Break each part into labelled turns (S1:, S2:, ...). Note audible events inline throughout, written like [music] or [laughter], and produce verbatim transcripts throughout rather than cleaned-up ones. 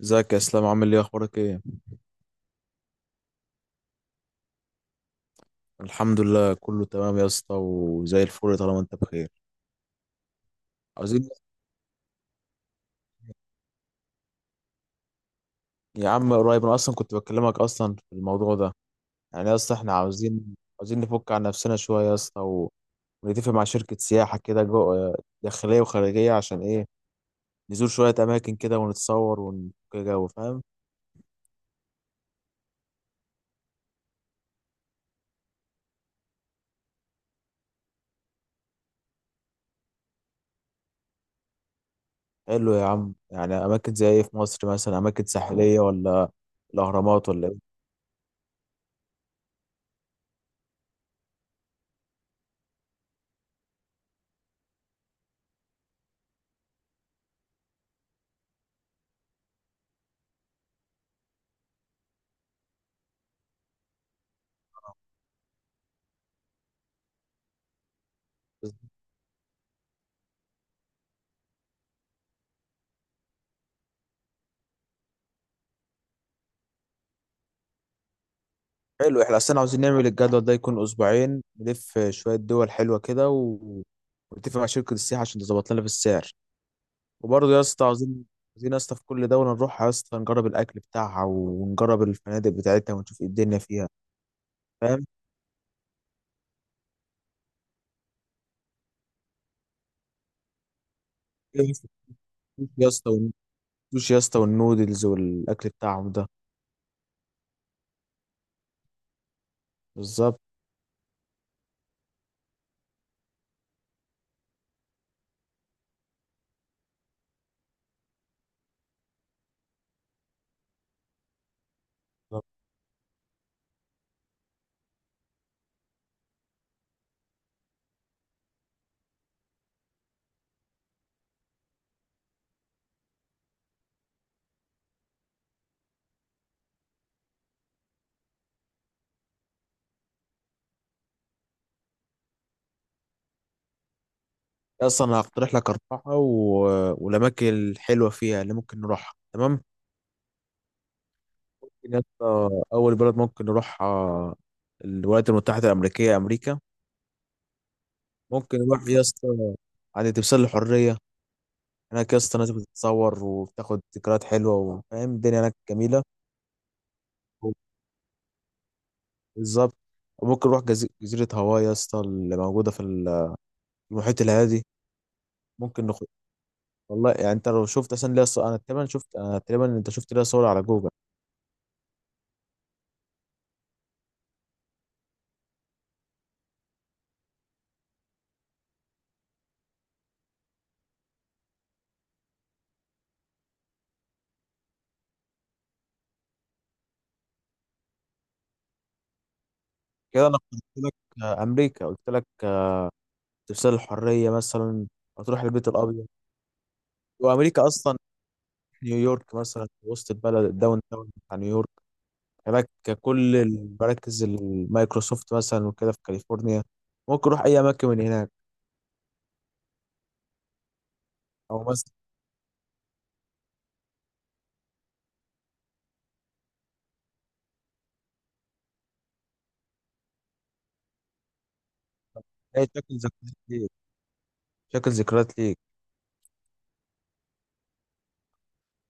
S1: ازيك يا اسلام، عامل ايه؟ اخبارك ايه؟ الحمد لله كله تمام يا اسطى وزي الفل طالما انت بخير. عاوزين. يا عم قريب، انا اصلا كنت بكلمك اصلا في الموضوع ده. يعني يا اسطى احنا عاوزين عاوزين نفك عن نفسنا شويه يا اسطى و- ونتفق مع شركه سياحه كده، جو داخليه وخارجيه. عشان ايه؟ نزور شويه اماكن كده ونتصور ونفك جو، فاهم. حلو يا عم. يعني اماكن زي ايه في مصر؟ مثلا اماكن ساحليه، ولا الاهرامات، ولا ايه؟ حلو، احنا اصلا عاوزين نعمل الجدول ده يكون اسبوعين، نلف شويه دول حلوه كده و... ونتفق مع شركه السياحه عشان تظبط لنا في السعر. وبرضه يا اسطى عاوزين عاوزين يا اسطى في كل دوله نروح يا اسطى نجرب الاكل بتاعها ونجرب الفنادق بتاعتها ونشوف ايه الدنيا فيها، فاهم. يا اسطى والسوشي يا اسطى والنودلز والاكل بتاعهم ده. بالظبط. بالظبط. يا اسطى انا هقترح لك اربعه و... والاماكن الحلوه فيها اللي ممكن نروحها، تمام. يا اسطى اول بلد ممكن نروحها، الولايات المتحده الامريكيه، امريكا. ممكن نروح يا اسطى عند تمثال الحريه. هناك يا اسطى الناس بتتصور وبتاخد ذكريات حلوه، وفاهم الدنيا هناك جميله. بالظبط. وممكن نروح جز- جزيره هاواي يا اسطى اللي موجوده في ال- المحيط الهادي. ممكن نخد. والله يعني انت لو شفت اصلا ليا صور، انا تقريبا شفت، انا تقريبا، انت شفت ليا صور على جوجل. كده انا قلت لك آه، امريكا، قلت لك آه، تمثال الحريه مثلا، هتروح البيت الابيض. وامريكا اصلا نيويورك مثلا، وسط البلد، الداون تاون بتاع نيويورك. هناك كل المراكز المايكروسوفت مثلا، وكده في كاليفورنيا. ممكن اروح اي اماكن من هناك. او مثلا اي شكل ذكريات ليك، شكل ذكريات ليك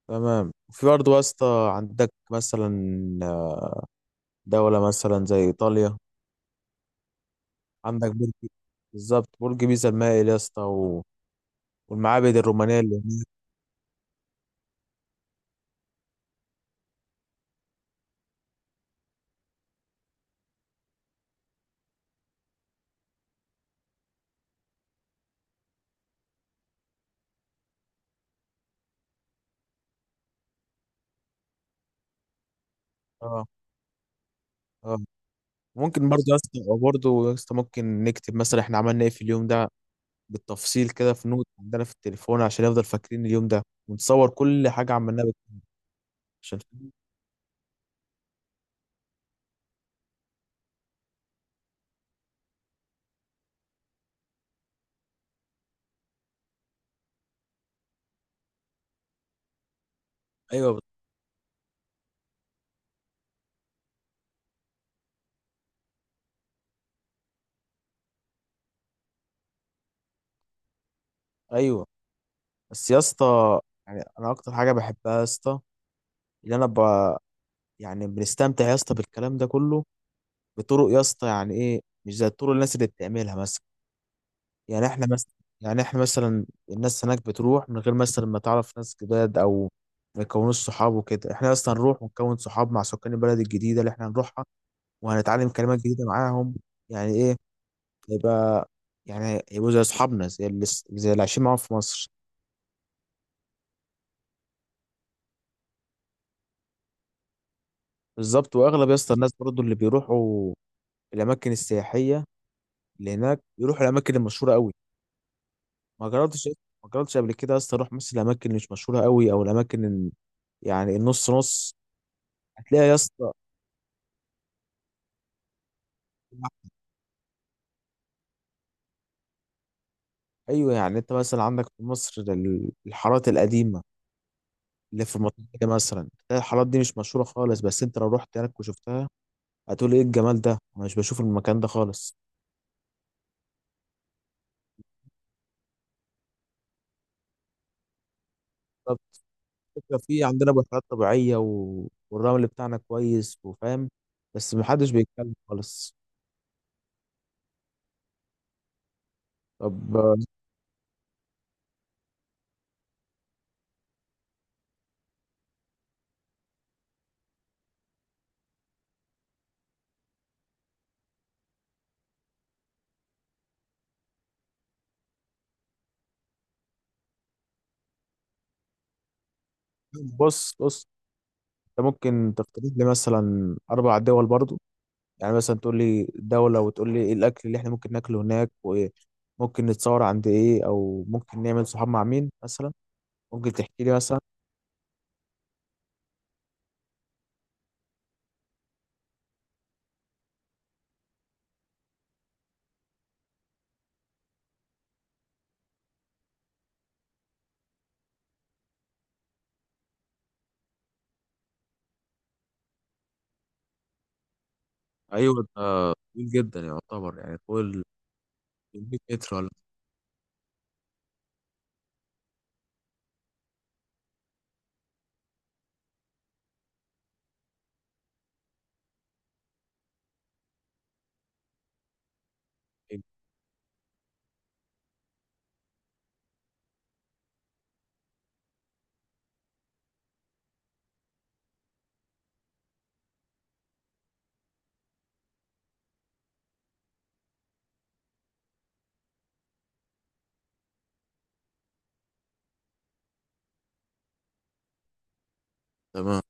S1: تمام. في برضه يا اسطى عندك مثلا دولة مثلا زي ايطاليا. عندك برج، بالظبط برج بيزا المائل يا اسطى و- والمعابد الرومانية اللي هناك. اه. اه. ممكن برضه يا اسطى برضه يا اسطى ممكن نكتب مثلا احنا عملنا ايه في اليوم ده بالتفصيل كده، في نوت عندنا في التليفون، عشان يفضل فاكرين اليوم ده، ونصور كل حاجه عملناها بال- [laughs] عشان الفيلم. ايوه بت- ايوه بس يا اسطى، يعني انا اكتر حاجه بحبها يا اسطى ان انا ب... يعني بنستمتع يا اسطى بالكلام ده كله، بطرق يا اسطى، يعني ايه، مش زي الطرق الناس اللي بتعملها مثلا. يعني احنا مثلا يعني احنا مثلا الناس هناك بتروح من غير مثلا ما تعرف ناس جداد، او ما يكونوش صحاب وكده. احنا اصلا نروح ونكون صحاب مع سكان البلد الجديده اللي احنا هنروحها، وهنتعلم كلمات جديده معاهم. يعني ايه، هيبقى، يعني هيبقوا زي اصحابنا، زي اللي زي اللي عايشين معاهم في مصر. بالظبط. واغلب يا اسطى الناس برضو اللي بيروحوا الاماكن السياحيه اللي هناك، بيروحوا الاماكن المشهوره قوي. ما جربتش ما جربتش قبل كده يا اسطى اروح مثلا الاماكن اللي مش مشهوره قوي، او الاماكن ال- يعني النص نص. هتلاقي يا اسطى. [laughs] ايوه، يعني انت مثلا عندك في مصر ال- الحارات القديمه اللي في المنطقه دي، مثلا تلاقي الحارات دي مش مشهوره خالص، بس انت لو رحت هناك وشفتها هتقول ايه الجمال ده، انا مش بشوف المكان ده خالص. الفكرة، في عندنا بحيرات طبيعية و... والرمل بتاعنا كويس، وفاهم، بس محدش بيتكلم خالص. طب آه، بص، بص، انت ممكن تقترح لي مثلا اربع دول برضو. يعني مثلا تقول لي دولة وتقول لي ايه الاكل اللي احنا ممكن ناكله هناك، وممكن نتصور عند ايه، او ممكن نعمل صحاب مع مين مثلا. ممكن تحكي لي مثلا. ايوه، ده طويل جدا يعتبر، يعني طول مية متر ولا حاجة. تمام.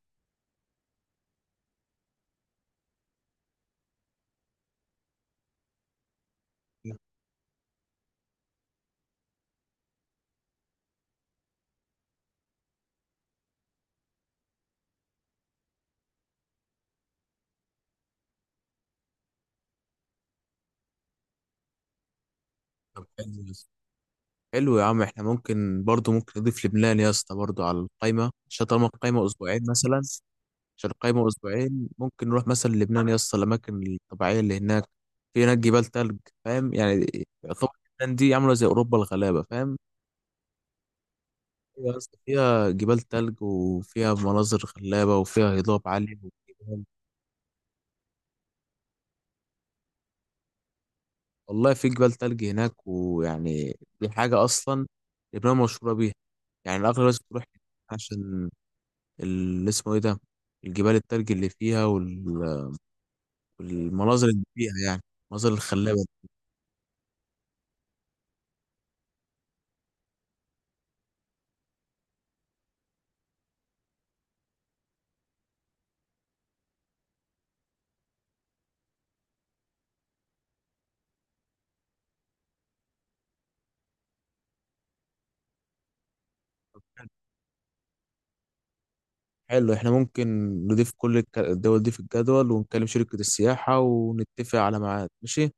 S1: طب حلو، حلو يا عم، احنا ممكن برضو ممكن نضيف لبنان يا اسطى برضو على القايمة، عشان طالما القايمة أسبوعين مثلا، عشان القايمة أسبوعين ممكن نروح مثلا لبنان يا اسطى الأماكن الطبيعية اللي هناك، في هناك جبال تلج، فاهم يعني. يعتبر لبنان دي عاملة زي أوروبا الغلابة، فاهم. يا اسطى فيها جبال تلج وفيها مناظر خلابة وفيها هضاب عالي وجبال- والله في جبال تلج هناك، ويعني دي حاجة أصلا لبنان مشهورة بيها، يعني أغلب الناس بتروح عشان اللي اسمه ايه ده، الجبال التلج اللي فيها وال- والمناظر اللي فيها، يعني المناظر الخلابة دي. حلو، احنا ممكن نضيف كل الك- الدول دي في الجدول، ونكلم شركة السياحة ونتفق على ميعاد، ماشي ان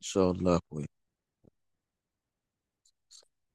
S1: شاء الله يا اخويا.